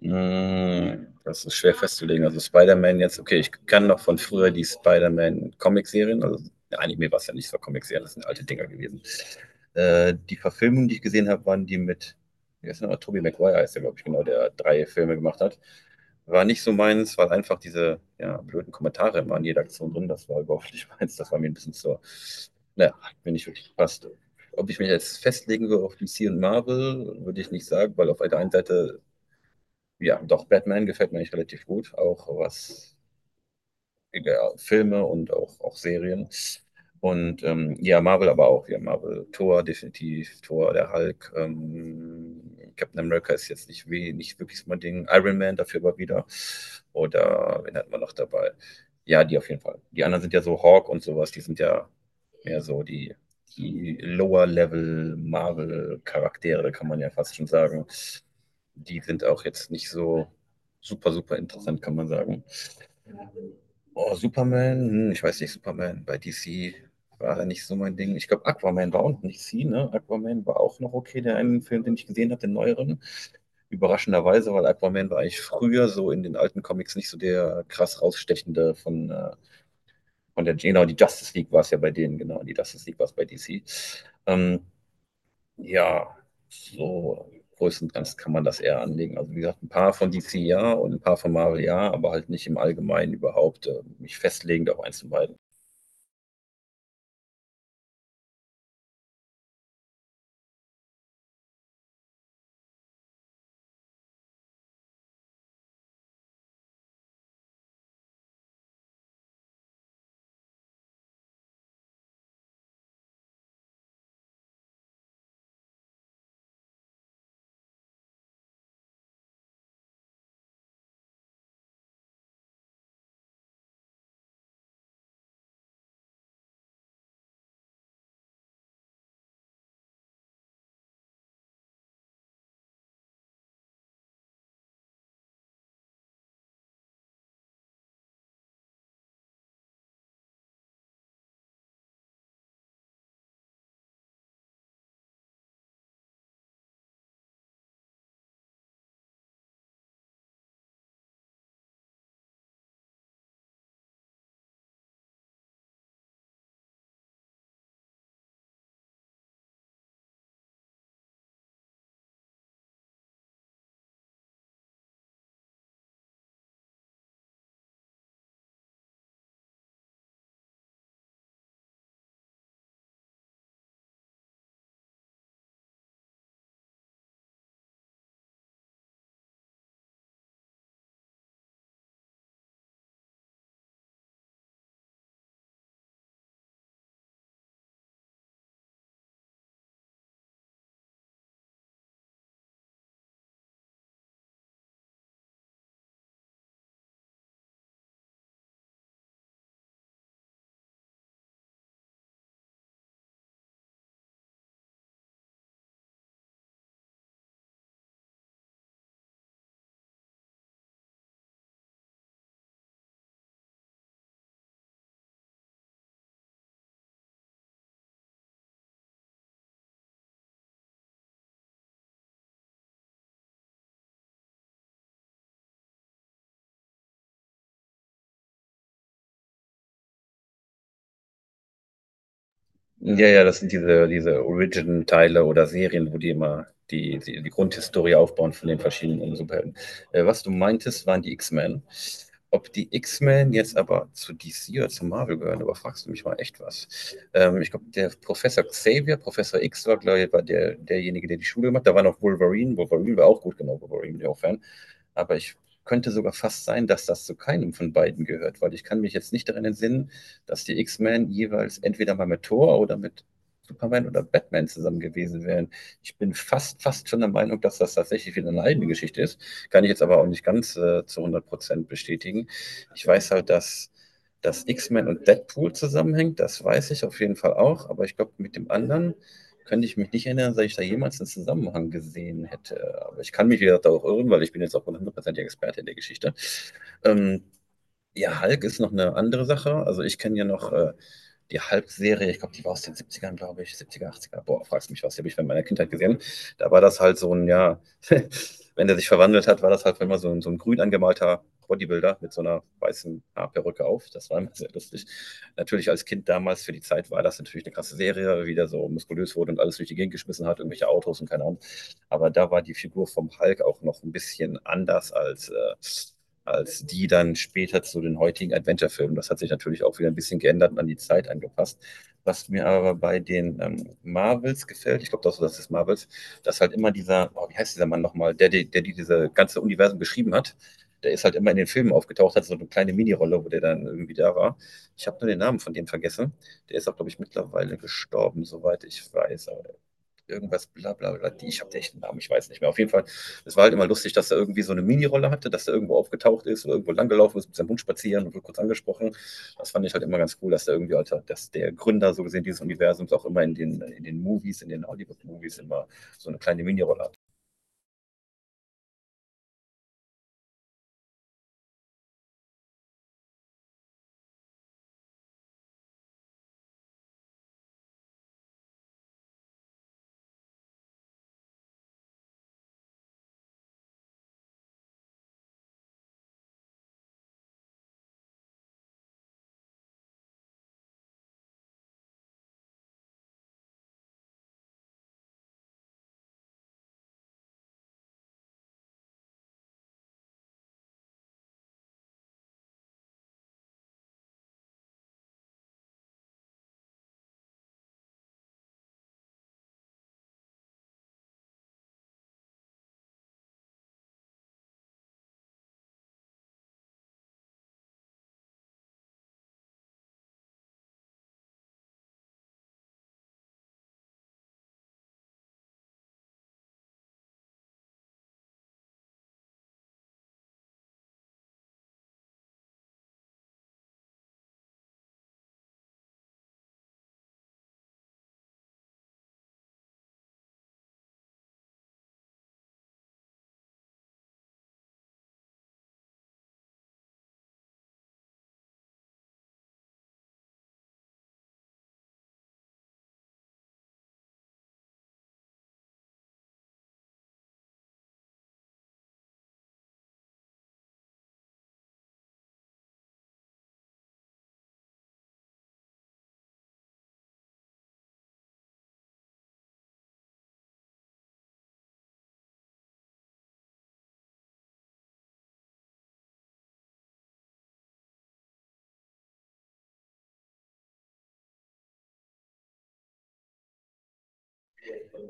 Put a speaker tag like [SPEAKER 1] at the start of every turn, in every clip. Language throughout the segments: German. [SPEAKER 1] Hm, das ist schwer festzulegen. Also Spider-Man jetzt, okay, ich kann noch von früher die Spider-Man-Comic-Serien, also Anime war es ja nicht, so war Comic-Serien, das sind alte Dinger gewesen. Die Verfilmungen, die ich gesehen habe, waren die mit, wie heißt der noch, Tobey Maguire heißt der, glaube ich, genau, der drei Filme gemacht hat. War nicht so meins, weil einfach diese ja, blöden Kommentare immer in jeder Aktion drin, das war überhaupt nicht meins, das war mir ein bisschen zu, naja, hat mir nicht wirklich gepasst. Ob ich mich jetzt festlegen würde auf DC und Marvel, würde ich nicht sagen, weil auf der einen Seite ja, doch, Batman gefällt mir eigentlich relativ gut, auch was egal, Filme und auch, auch Serien. Und ja, Marvel aber auch. Ja, Marvel, Thor definitiv, Thor, der Hulk. Captain America ist jetzt nicht, weh, nicht wirklich so mein Ding. Iron Man dafür aber wieder. Oder wen hatten wir noch dabei? Ja, die auf jeden Fall. Die anderen sind ja so Hawk und sowas, die sind ja mehr so die, die Lower-Level-Marvel-Charaktere, kann man ja fast schon sagen, die sind auch jetzt nicht so super, super interessant, kann man sagen. Oh, Superman, hm, ich weiß nicht, Superman bei DC war ja nicht so mein Ding. Ich glaube, Aquaman war auch nicht DC, ne? Aquaman war auch noch okay, der einen Film, den ich gesehen habe, den neueren. Überraschenderweise, weil Aquaman war eigentlich früher so in den alten Comics nicht so der krass rausstechende von der, genau, die Justice League war es ja bei denen, genau, die Justice League war es bei DC. Ähm, Ja, so größtenteils kann man das eher anlegen. Also wie gesagt, ein paar von DC ja und ein paar von Marvel ja, aber halt nicht im Allgemeinen überhaupt mich festlegend auf eins von beiden. Ja, ja, das sind diese, diese Origin-Teile oder Serien, wo die immer die Grundhistorie aufbauen von den verschiedenen Superhelden. Was du meintest, waren die X-Men. Ob die X-Men jetzt aber zu DC oder zu Marvel gehören, aber fragst du mich mal echt was. Ich glaube, der Professor Xavier, Professor X war, glaube ich, war der, derjenige, der die Schule gemacht hat. Da war noch Wolverine. Wolverine war auch gut, genau, Wolverine, der auch Fan. Aber ich könnte sogar fast sein, dass das zu keinem von beiden gehört, weil ich kann mich jetzt nicht daran entsinnen, dass die X-Men jeweils entweder mal mit Thor oder mit Superman oder Batman zusammen gewesen wären. Ich bin fast, fast schon der Meinung, dass das tatsächlich wieder eine eigene Geschichte ist. Kann ich jetzt aber auch nicht ganz zu 100% bestätigen. Ich weiß halt, dass das X-Men und Deadpool zusammenhängt, das weiß ich auf jeden Fall auch, aber ich glaube, mit dem anderen könnte ich mich nicht erinnern, dass ich da jemals einen Zusammenhang gesehen hätte. Aber ich kann mich, wie gesagt, auch irren, weil ich bin jetzt auch 100%iger Experte in der Geschichte. Ähm, ja, Hulk ist noch eine andere Sache. Also ich kenne ja noch die Hulk-Serie, ich glaube, die war aus den Siebzigern, glaube ich, Siebziger, er, boah, fragst mich was, die habe ich in meiner Kindheit gesehen. Da war das halt so ein, ja, wenn der sich verwandelt hat, war das halt immer so ein grün angemalter Bodybuilder mit so einer weißen Haarperücke auf. Das war immer sehr lustig. Natürlich als Kind damals für die Zeit war das natürlich eine krasse Serie, wie der so muskulös wurde und alles durch die Gegend geschmissen hat, irgendwelche Autos und keine Ahnung. Aber da war die Figur vom Hulk auch noch ein bisschen anders als als die dann später zu den heutigen Adventure-Filmen. Das hat sich natürlich auch wieder ein bisschen geändert und an die Zeit angepasst. Was mir aber bei den Marvels gefällt, ich glaube, das, das ist Marvels, dass halt immer dieser, oh, wie heißt dieser Mann nochmal, der diese ganze Universum geschrieben hat, der ist halt immer in den Filmen aufgetaucht, hat so eine kleine Minirolle, wo der dann irgendwie da war. Ich habe nur den Namen von dem vergessen. Der ist auch, glaube ich, mittlerweile gestorben, soweit ich weiß. Aber irgendwas, bla bla bla. Die, ich habe den echten Namen, ich weiß nicht mehr. Auf jeden Fall, es war halt immer lustig, dass er irgendwie so eine Minirolle hatte, dass er irgendwo aufgetaucht ist oder irgendwo langgelaufen ist, mit seinem Hund spazieren und wird kurz angesprochen. Das fand ich halt immer ganz cool, dass er irgendwie, Alter, dass der Gründer so gesehen dieses Universums auch immer in den Movies, in den Hollywood-Movies immer so eine kleine Minirolle.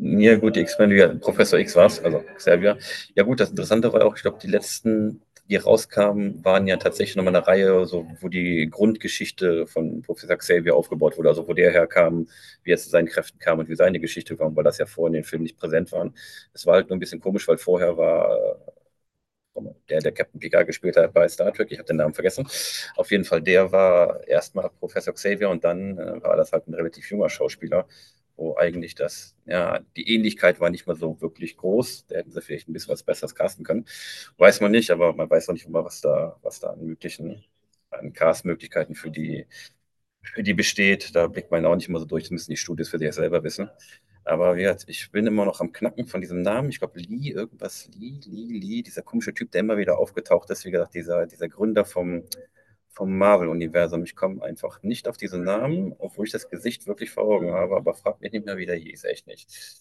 [SPEAKER 1] Ja gut, die X-Men, ja, Professor X war es, also Xavier. Ja gut, das Interessante war ja auch, ich glaube, die letzten, die rauskamen, waren ja tatsächlich nochmal eine Reihe, so, wo die Grundgeschichte von Professor Xavier aufgebaut wurde, also wo der herkam, wie er zu seinen Kräften kam und wie seine Geschichte war, weil das ja vorher in den Filmen nicht präsent waren. Es war halt nur ein bisschen komisch, weil vorher war der, der Captain Picard gespielt hat bei Star Trek, ich habe den Namen vergessen. Auf jeden Fall, der war erstmal Professor Xavier und dann war das halt ein relativ junger Schauspieler, wo eigentlich das, ja, die Ähnlichkeit war nicht mal so wirklich groß. Da hätten sie vielleicht ein bisschen was Besseres casten können. Weiß man nicht, aber man weiß auch nicht immer, was da an möglichen, an Castmöglichkeiten für die wie die besteht, da blickt man ja auch nicht mal so durch, das müssen die Studios für sich selber wissen. Aber wie gesagt, ich bin immer noch am Knacken von diesem Namen. Ich glaube, Lee, irgendwas, Lee, Lee, Lee, dieser komische Typ, der immer wieder aufgetaucht ist, wie gesagt, dieser, dieser Gründer vom, vom Marvel-Universum. Ich komme einfach nicht auf diesen Namen, obwohl ich das Gesicht wirklich vor Augen habe, aber frag mich nicht mehr, wie der hieß, echt nicht.